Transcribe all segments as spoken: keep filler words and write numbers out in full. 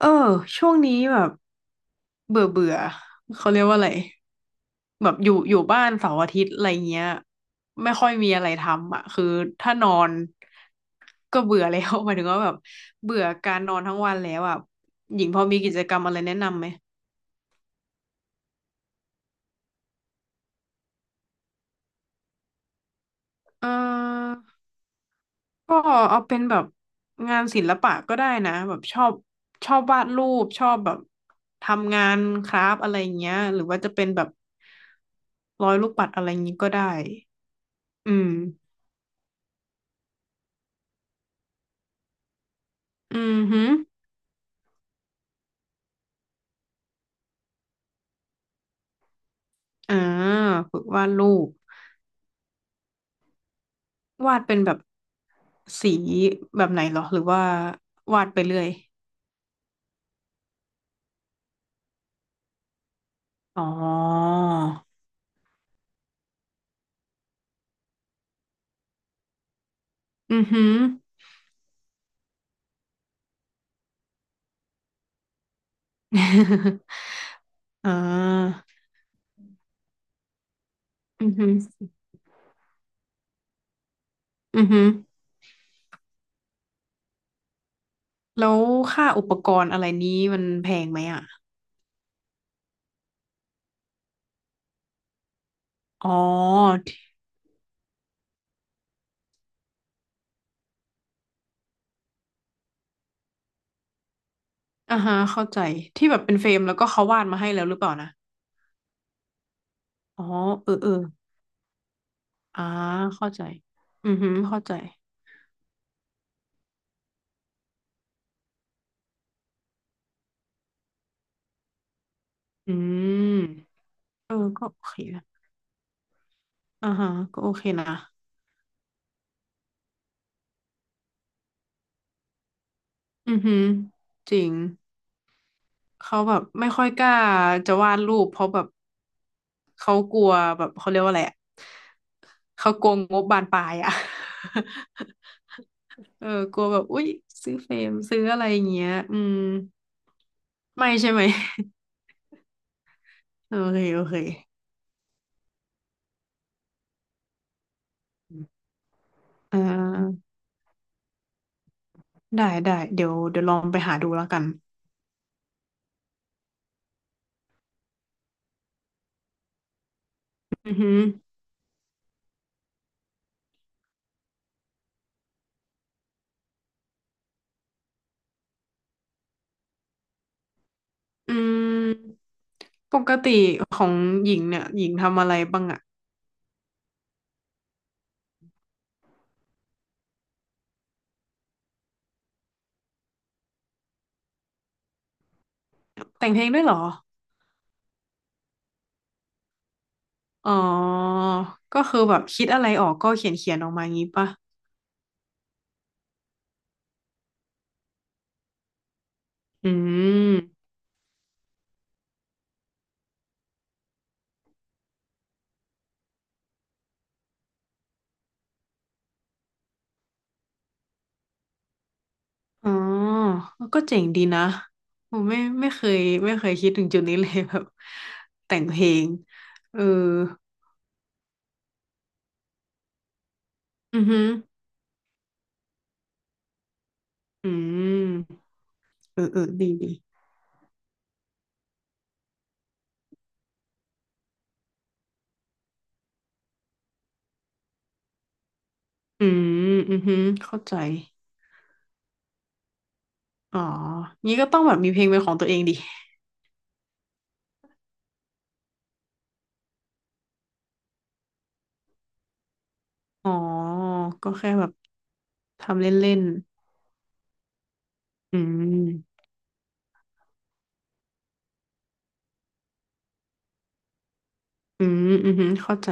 เออช่วงนี้แบบเบื่อเบื่อเขาเรียกว่าอะไรแบบอยู่อยู่บ้านเสาร์อาทิตย์อะไรเงี้ยไม่ค่อยมีอะไรทำอ่ะคือถ้านอนก็เบื่อแล้ว หมายถึงว่าแบบเบื่อการนอนทั้งวันแล้วอ่ะหญิงพอมีกิจกรรมอะไรแนะนำไหมเออก็เอาเป็นแบบงานศิลปะก็ได้นะแบบชอบชอบวาดรูปชอบแบบทำงานคราฟต์อะไรเงี้ยหรือว่าจะเป็นแบบร้อยลูกปัดอะไรงี้ก็ได้อืม อือหือ่าฝึกวาดรูปวาดเป็นแบบสีแบบไหนเหรอหรือว่าวาดไปเรื่อยอ๋ออือฮึ อ่าอือฮึอือฮึแล้วค่าอุปกรณ์อะไรนี้มันแพงไหมอ่ะอ๋อที่อ่าฮะเข้าใจที่แบบเป็นเฟรมแล้วก็เขาวาดมาให้แล้วหรือเปล่านะอ๋อเออเอออ่าเข้าใจอือฮึอเข้าใจอืมเออก็โอเคนะ อ่าฮะก็โอเคนะอือหือจริงเขาแบบไม่ค่อยกล้าจะวาดรูปเพราะแบบเขากลัวแบบเขาเรียกว่าอะไรอะเขากลัวงบบานปลายอะ เออกลัวแบบอุ๊ยซื้อเฟรมซื้ออะไรอย่างเงี้ยอืมไม่ใช่ไหม โอเคโอเคอ่าได้ได้เดี๋ยวเดี๋ยวลองไปหาดูแล้วกันอือหืออืมปกติของหญิงเนี่ยหญิงทำอะไรบ้างอะแต่งเพลงด้วยเหรอ อ๋อ ก็คือแบบคิดอะไรออกก็เขียนเขียนออกมางี้ป่ะอืมอ๋อ ก็เจ๋งดีนะผมไม่ไม่เคยไม่เคยคิดถึงจุดนี้เลย แบบแต่งเพลงเออ อือหืออืมเออเออดีดีอืมอือหือเข้าใจ อ๋องี้ก็ต้องแบบมีเพลงเป็นของตัวเองดิอ๋อ ก็แค่แบบทำเล่นๆ อืมอืมอือหือเข้าใจ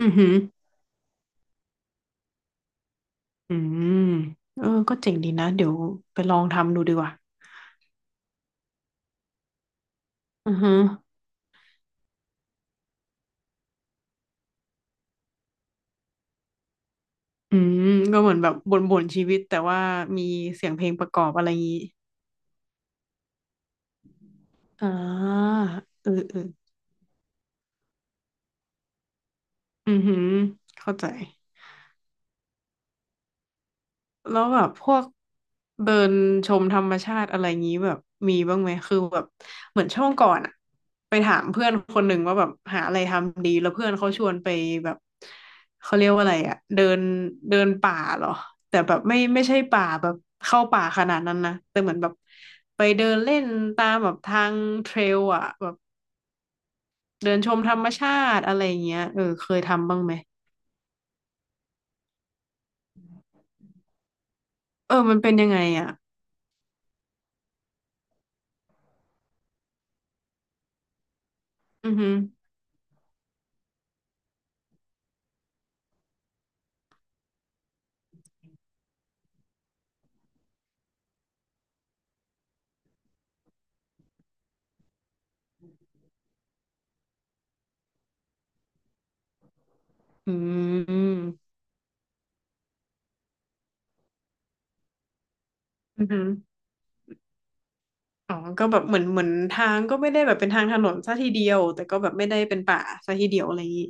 อือหือ อืมเออก็เจ๋งดีนะเดี๋ยวไปลองทำดูดีกว่าอือฮึอืมก็เหมือนแบบบ่นๆชีวิตแต่ว่ามีเสียงเพลงประกอบอะไรงี้อ่าเออเอออือหือเข้าใจ แล้วแบบพวกเดินชมธรรมชาติอะไรงี้แบบมีบ้างไหมคือแบบเหมือนช่วงก่อนอะไปถามเพื่อนคนหนึ่งว่าแบบหาอะไรทำดีแล้วเพื่อนเขาชวนไปแบบเขาเรียกว่าอะไรอะเดินเดินป่าเหรอแต่แบบไม่ไม่ใช่ป่าแบบเข้าป่าขนาดนั้นนะแต่เหมือนแบบไปเดินเล่นตามแบบทางเทรลอะแบบเดินชมธรรมชาติอะไรอย่างเงี้ยเออเคยทำบ้างไหมเออมันเป็นยังไงอะอือหืออืมอือหือ อ๋อก็แบบเหมือนเหมือนทางก็ไม่ได้แบบเป็นทางถนนซะทีเดียว แต่ก็แบบไม่ได้เป็นป่าซะทีเดียวอะไรอย่างงี้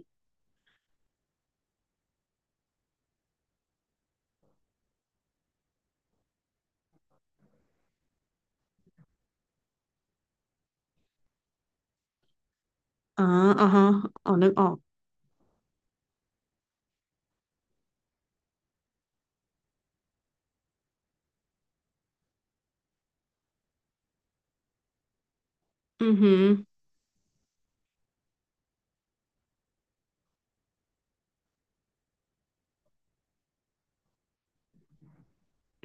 อ๋ออ๋อฮะอ๋อนึกออกอือหือ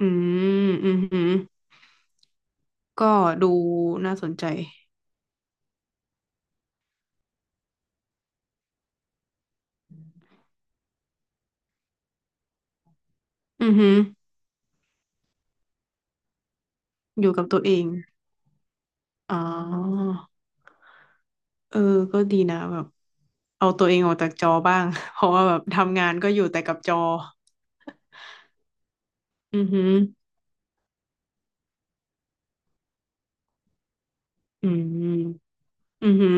อืมอือหือก็ดูน่าสนใจอือหืออยู่กับตัวเอง อ๋อ เออก็ดีนะแบบเอาตัวเองออกจากจอบ้าง เพราะว่าแบบทำงานก็อยู่แต่กับจอ อือหืออืมอือหือ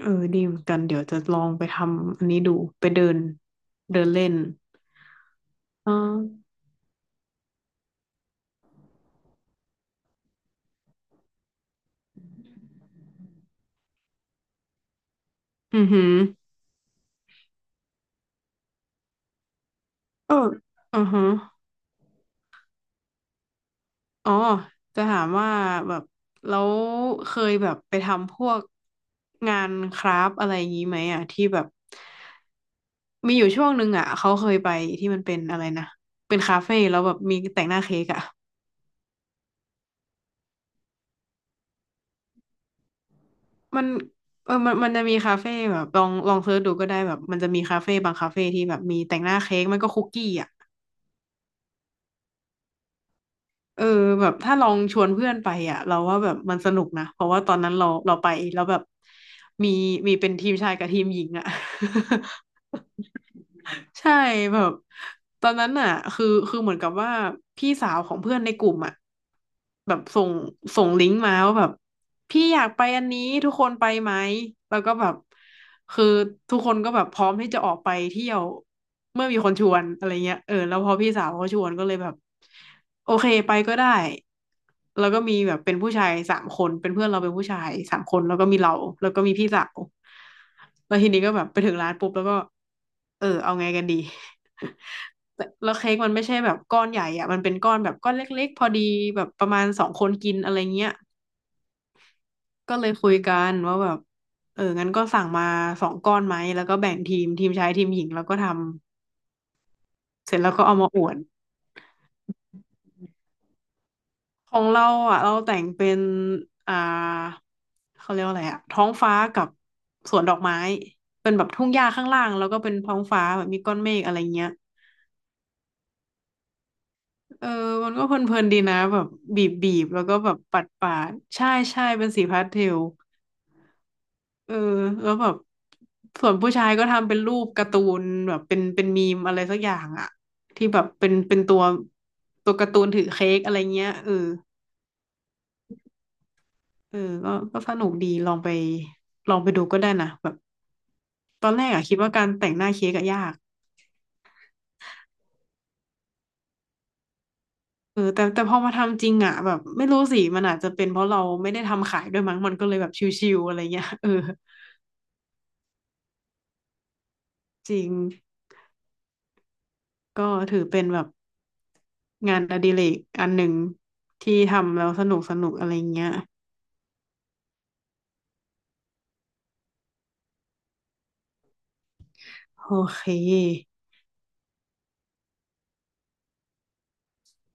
เออดีเหมือนกันเดี๋ยวจะลองไปทำอันนี้ดู ไปเดินเดินเล่น อ๋ออือหือเอออือฮะอ๋อจะถามว่าแบบแล้วเคยแบบไปทำพวกงานคราฟต์อะไรอย่างนี้ไหมอ่ะที่แบบมีอยู่ช่วงหนึ่งอ่ะเขาเคยไปที่มันเป็นอะไรนะเป็นคาเฟ่แล้วแบบมีแต่งหน้าเค้กอ่ะมันเออมันมันจะมีคาเฟ่แบบลองลองเสิร์ชดูก็ได้แบบมันจะมีคาเฟ่บางคาเฟ่ที่แบบมีแต่งหน้าเค้กมันก็คุกกี้อ่ะ เออแบบถ้าลองชวนเพื่อนไปอ่ะเราว่าแบบมันสนุกนะเพราะว่าตอนนั้นเราเราไปแล้วแบบมีมีเป็นทีมชายกับทีมหญิงอ่ะ ใช่แบบตอนนั้นน่ะคือคือเหมือนกับว่าพี่สาวของเพื่อนในกลุ่มอ่ะแบบส่งส่งลิงก์มาว่าแบบพี่อยากไปอันนี้ทุกคนไปไหมแล้วก็แบบคือทุกคนก็แบบพร้อมที่จะออกไปเที่ยวเมื่อมีคนชวนอะไรเงี้ยเออแล้วพอพี่สาวเขาชวนก็เลยแบบโอเคไปก็ได้แล้วก็มีแบบเป็นผู้ชายสามคนเป็นเพื่อนเราเป็นผู้ชายสามคนแล้วก็มีเราแล้วก็มีพี่สาว แล้วทีนี้ก็แบบไปถึงร้านปุ๊บแล้วก็เออเอาไงกันดี แต่แล้วเค้กมันไม่ใช่แบบก้อนใหญ่อ่ะมันเป็นก้อนแบบก้อนเล็กๆพอดีแบบประมาณสองคนกินอะไรเงี้ยก็เลยคุยกันว่าแบบเอองั้นก็สั่งมาสองก้อนไหมแล้วก็แบ่งทีมทีมชายทีมหญิงแล้วก็ทำเสร็จแล้วก็เอามาอวดของเราอ่ะเราแต่งเป็นอ่าเขาเรียกว่าอะไรอ่ะท้องฟ้ากับสวนดอกไม้เป็นแบบทุ่งหญ้าข้างล่างแล้วก็เป็นท้องฟ้าแบบมีก้อนเมฆอะไรเงี้ย เออมันก็เพลินๆดีนะแบบบีบบีบแล้วก็แบบปัดปาดใช่ใช่เป็นสีพาสเทลเออแล้วแบบส่วนผู้ชายก็ทำเป็นรูปการ์ตูนแบบเป็นเป็นมีมอะไรสักอย่างอะที่แบบเป็นเป็นตัวตัวการ์ตูนถือเค้กอะไรเงี้ยเออเออก็ก็สนุกดีลองไปลองไปดูก็ได้นะแบบตอนแรกอะคิดว่าการแต่งหน้าเค้กอะยากเออแต่แต่พอมาทำจริงอะแบบไม่รู้สิมันอาจจะเป็นเพราะเราไม่ได้ทำขายด้วยมั้งมันก็เลยแบบชิวๆอะไรเงี้ยเออจริง ก็ถือเป็นแบบงานอดิเรกอันหนึ่งที่ทำแล้วสนุกสนุกอะไรเงี้ยโอเค